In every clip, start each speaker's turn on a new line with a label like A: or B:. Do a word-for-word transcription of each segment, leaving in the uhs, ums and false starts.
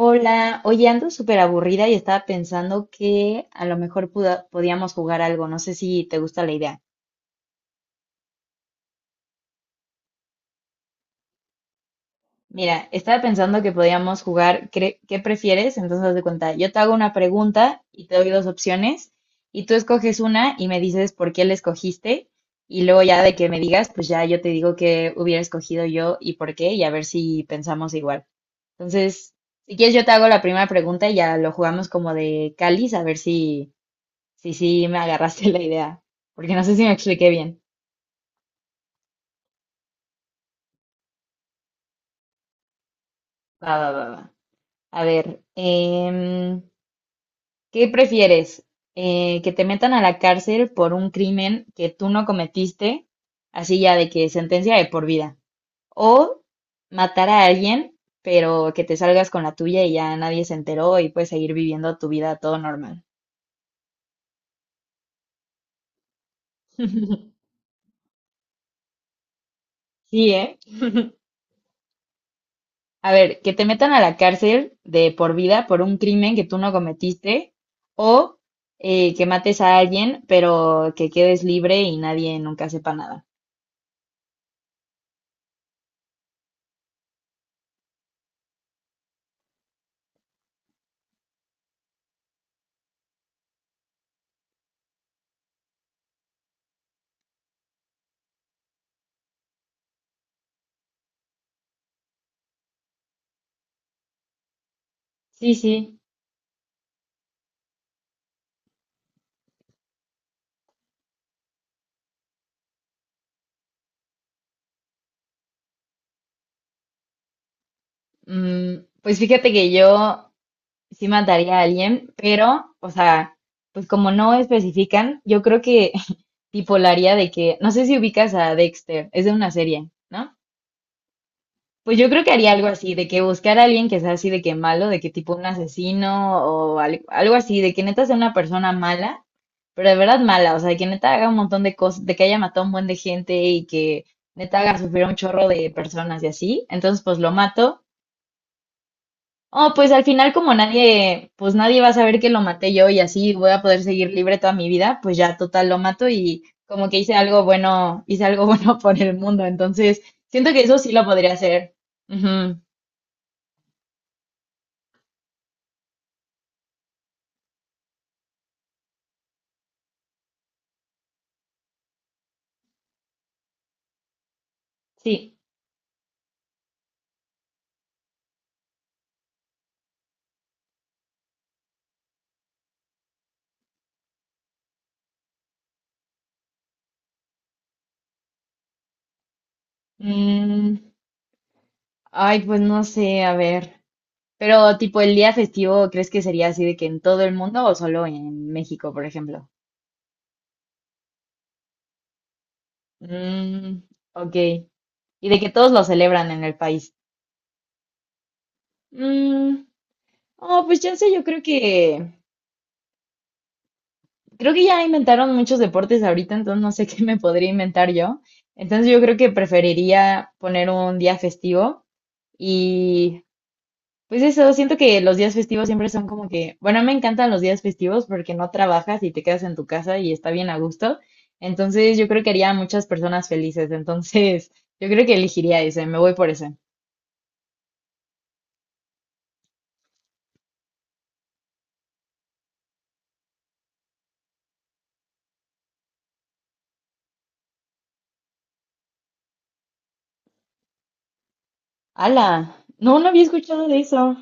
A: Hola, oye, ando súper aburrida y estaba pensando que a lo mejor puda- podíamos jugar algo, no sé si te gusta la idea. Mira, estaba pensando que podíamos jugar cre- ¿qué prefieres? Entonces, haz de cuenta, yo te hago una pregunta y te doy dos opciones y tú escoges una y me dices por qué la escogiste y luego ya de que me digas, pues ya yo te digo qué hubiera escogido yo y por qué y a ver si pensamos igual. Entonces, si quieres yo te hago la primera pregunta y ya lo jugamos como de cáliz, a ver si sí, sí, me agarraste la idea, porque no sé si me expliqué bien. Va, va, va, va. A ver, em, ¿qué prefieres? Eh, ¿que te metan a la cárcel por un crimen que tú no cometiste, así ya de que sentencia de por vida? ¿O matar a alguien, pero que te salgas con la tuya y ya nadie se enteró y puedes seguir viviendo tu vida todo normal? Sí, ¿eh? A ver, que te metan a la cárcel de por vida por un crimen que tú no cometiste o eh, que mates a alguien, pero que quedes libre y nadie nunca sepa nada. Sí, sí. Mm, pues fíjate que yo sí mataría a alguien, pero, o sea, pues como no especifican, yo creo que tipo la haría de que, no sé si ubicas a Dexter, es de una serie, ¿no? Pues yo creo que haría algo así, de que buscar a alguien que sea así de que malo, de que tipo un asesino o al- algo así, de que neta sea una persona mala, pero de verdad mala, o sea, de que neta haga un montón de cosas, de que haya matado un buen de gente y que neta haga sufrir a un chorro de personas y así. Entonces, pues lo mato. Oh, pues al final como nadie, pues nadie va a saber que lo maté yo y así voy a poder seguir libre toda mi vida, pues ya total lo mato y como que hice algo bueno, hice algo bueno por el mundo. Entonces, siento que eso sí lo podría hacer. Ujú. Sí. Mm, ay, pues no sé, a ver. Pero tipo el día festivo, ¿crees que sería así de que en todo el mundo o solo en México, por ejemplo? Mm, ok. Y de que todos lo celebran en el país. Mm, oh, pues ya sé, yo creo que creo que ya inventaron muchos deportes ahorita, entonces no sé qué me podría inventar yo. Entonces yo creo que preferiría poner un día festivo y pues eso, siento que los días festivos siempre son como que, bueno, me encantan los días festivos porque no trabajas y te quedas en tu casa y está bien a gusto. Entonces, yo creo que haría a muchas personas felices. Entonces, yo creo que elegiría ese, me voy por ese. ¡Hala! No, no había escuchado de eso.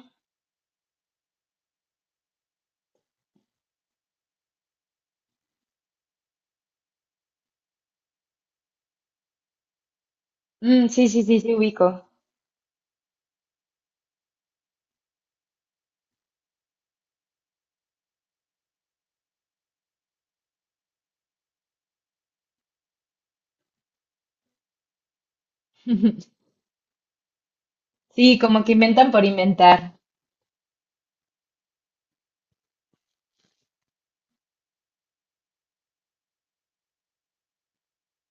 A: Mm, sí, sí, sí, sí, ubico. Sí, como que inventan por inventar.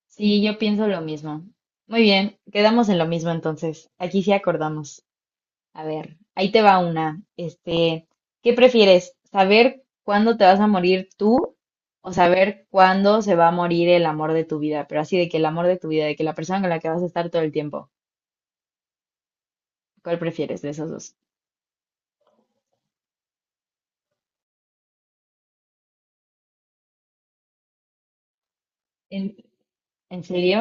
A: Sí, yo pienso lo mismo. Muy bien, quedamos en lo mismo entonces. Aquí sí acordamos. A ver, ahí te va una. Este, ¿qué prefieres? ¿Saber cuándo te vas a morir tú o saber cuándo se va a morir el amor de tu vida? Pero así de que el amor de tu vida, de que la persona con la que vas a estar todo el tiempo. ¿Cuál prefieres de esos dos? ¿En, en serio?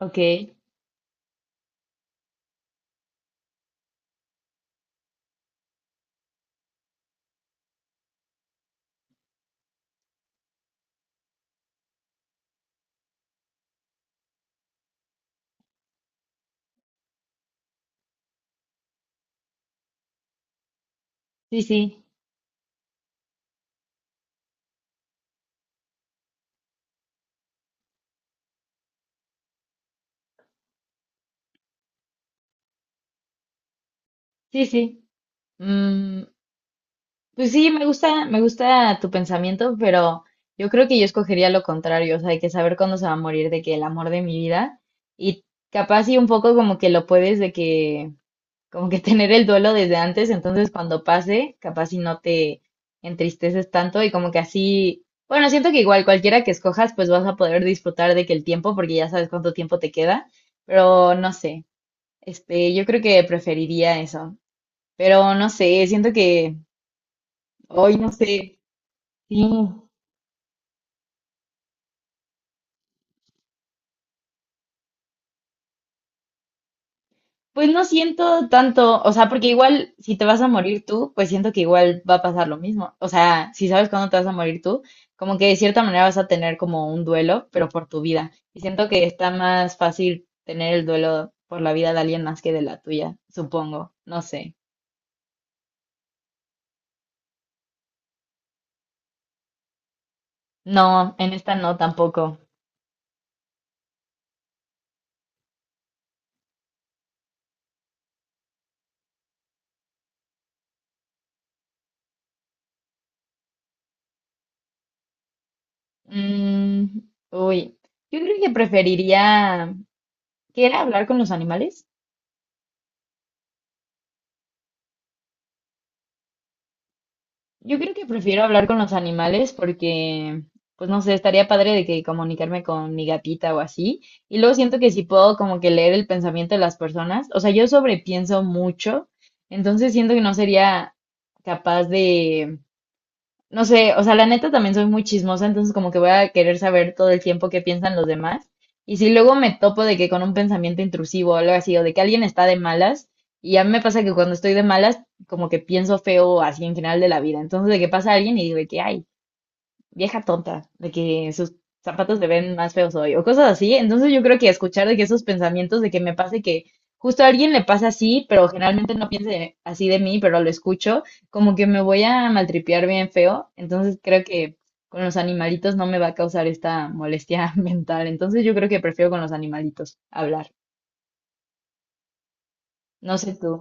A: Ok. Sí, sí. Sí, sí. Mm, pues sí, me gusta, me gusta tu pensamiento, pero yo creo que yo escogería lo contrario, o sea, hay que saber cuándo se va a morir de que el amor de mi vida y capaz y un poco como que lo puedes de que como que tener el duelo desde antes, entonces cuando pase, capaz si no te entristeces tanto y como que así, bueno, siento que igual cualquiera que escojas, pues vas a poder disfrutar de que el tiempo, porque ya sabes cuánto tiempo te queda, pero no sé, este, yo creo que preferiría eso, pero no sé, siento que hoy no sé, sí. Pues no siento tanto, o sea, porque igual si te vas a morir tú, pues siento que igual va a pasar lo mismo. O sea, si sabes cuándo te vas a morir tú, como que de cierta manera vas a tener como un duelo, pero por tu vida. Y siento que está más fácil tener el duelo por la vida de alguien más que de la tuya, supongo. No sé. No, en esta no tampoco. Mm, uy, yo creo que preferiría, ¿qué era hablar con los animales? Yo creo que prefiero hablar con los animales porque, pues no sé, estaría padre de que comunicarme con mi gatita o así. Y luego siento que si puedo como que leer el pensamiento de las personas, o sea, yo sobrepienso mucho, entonces siento que no sería capaz de no sé, o sea, la neta también soy muy chismosa, entonces como que voy a querer saber todo el tiempo qué piensan los demás. Y si luego me topo de que con un pensamiento intrusivo o algo así, o de que alguien está de malas, y a mí me pasa que cuando estoy de malas, como que pienso feo así en general de la vida. Entonces de que pasa alguien y digo de que, ay, vieja tonta, de que sus zapatos le ven más feos hoy, o cosas así. Entonces yo creo que escuchar de que esos pensamientos de que me pase que justo a alguien le pasa así, pero generalmente no piense así de mí, pero lo escucho, como que me voy a maltripear bien feo. Entonces creo que con los animalitos no me va a causar esta molestia mental. Entonces yo creo que prefiero con los animalitos hablar. No sé tú.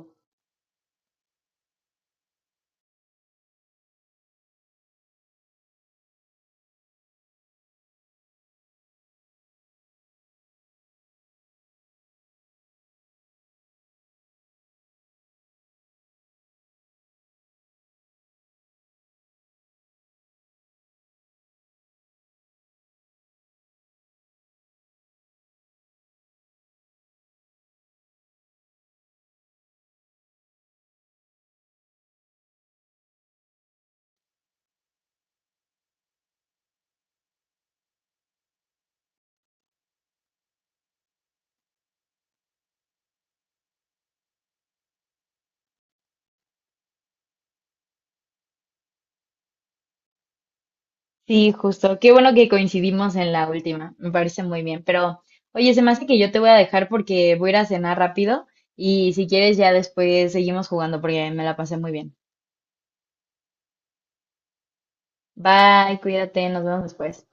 A: Sí, justo. Qué bueno que coincidimos en la última. Me parece muy bien. Pero, oye, se me hace que yo te voy a dejar porque voy a ir a cenar rápido y si quieres ya después seguimos jugando porque me la pasé muy bien. Bye, cuídate, nos vemos después.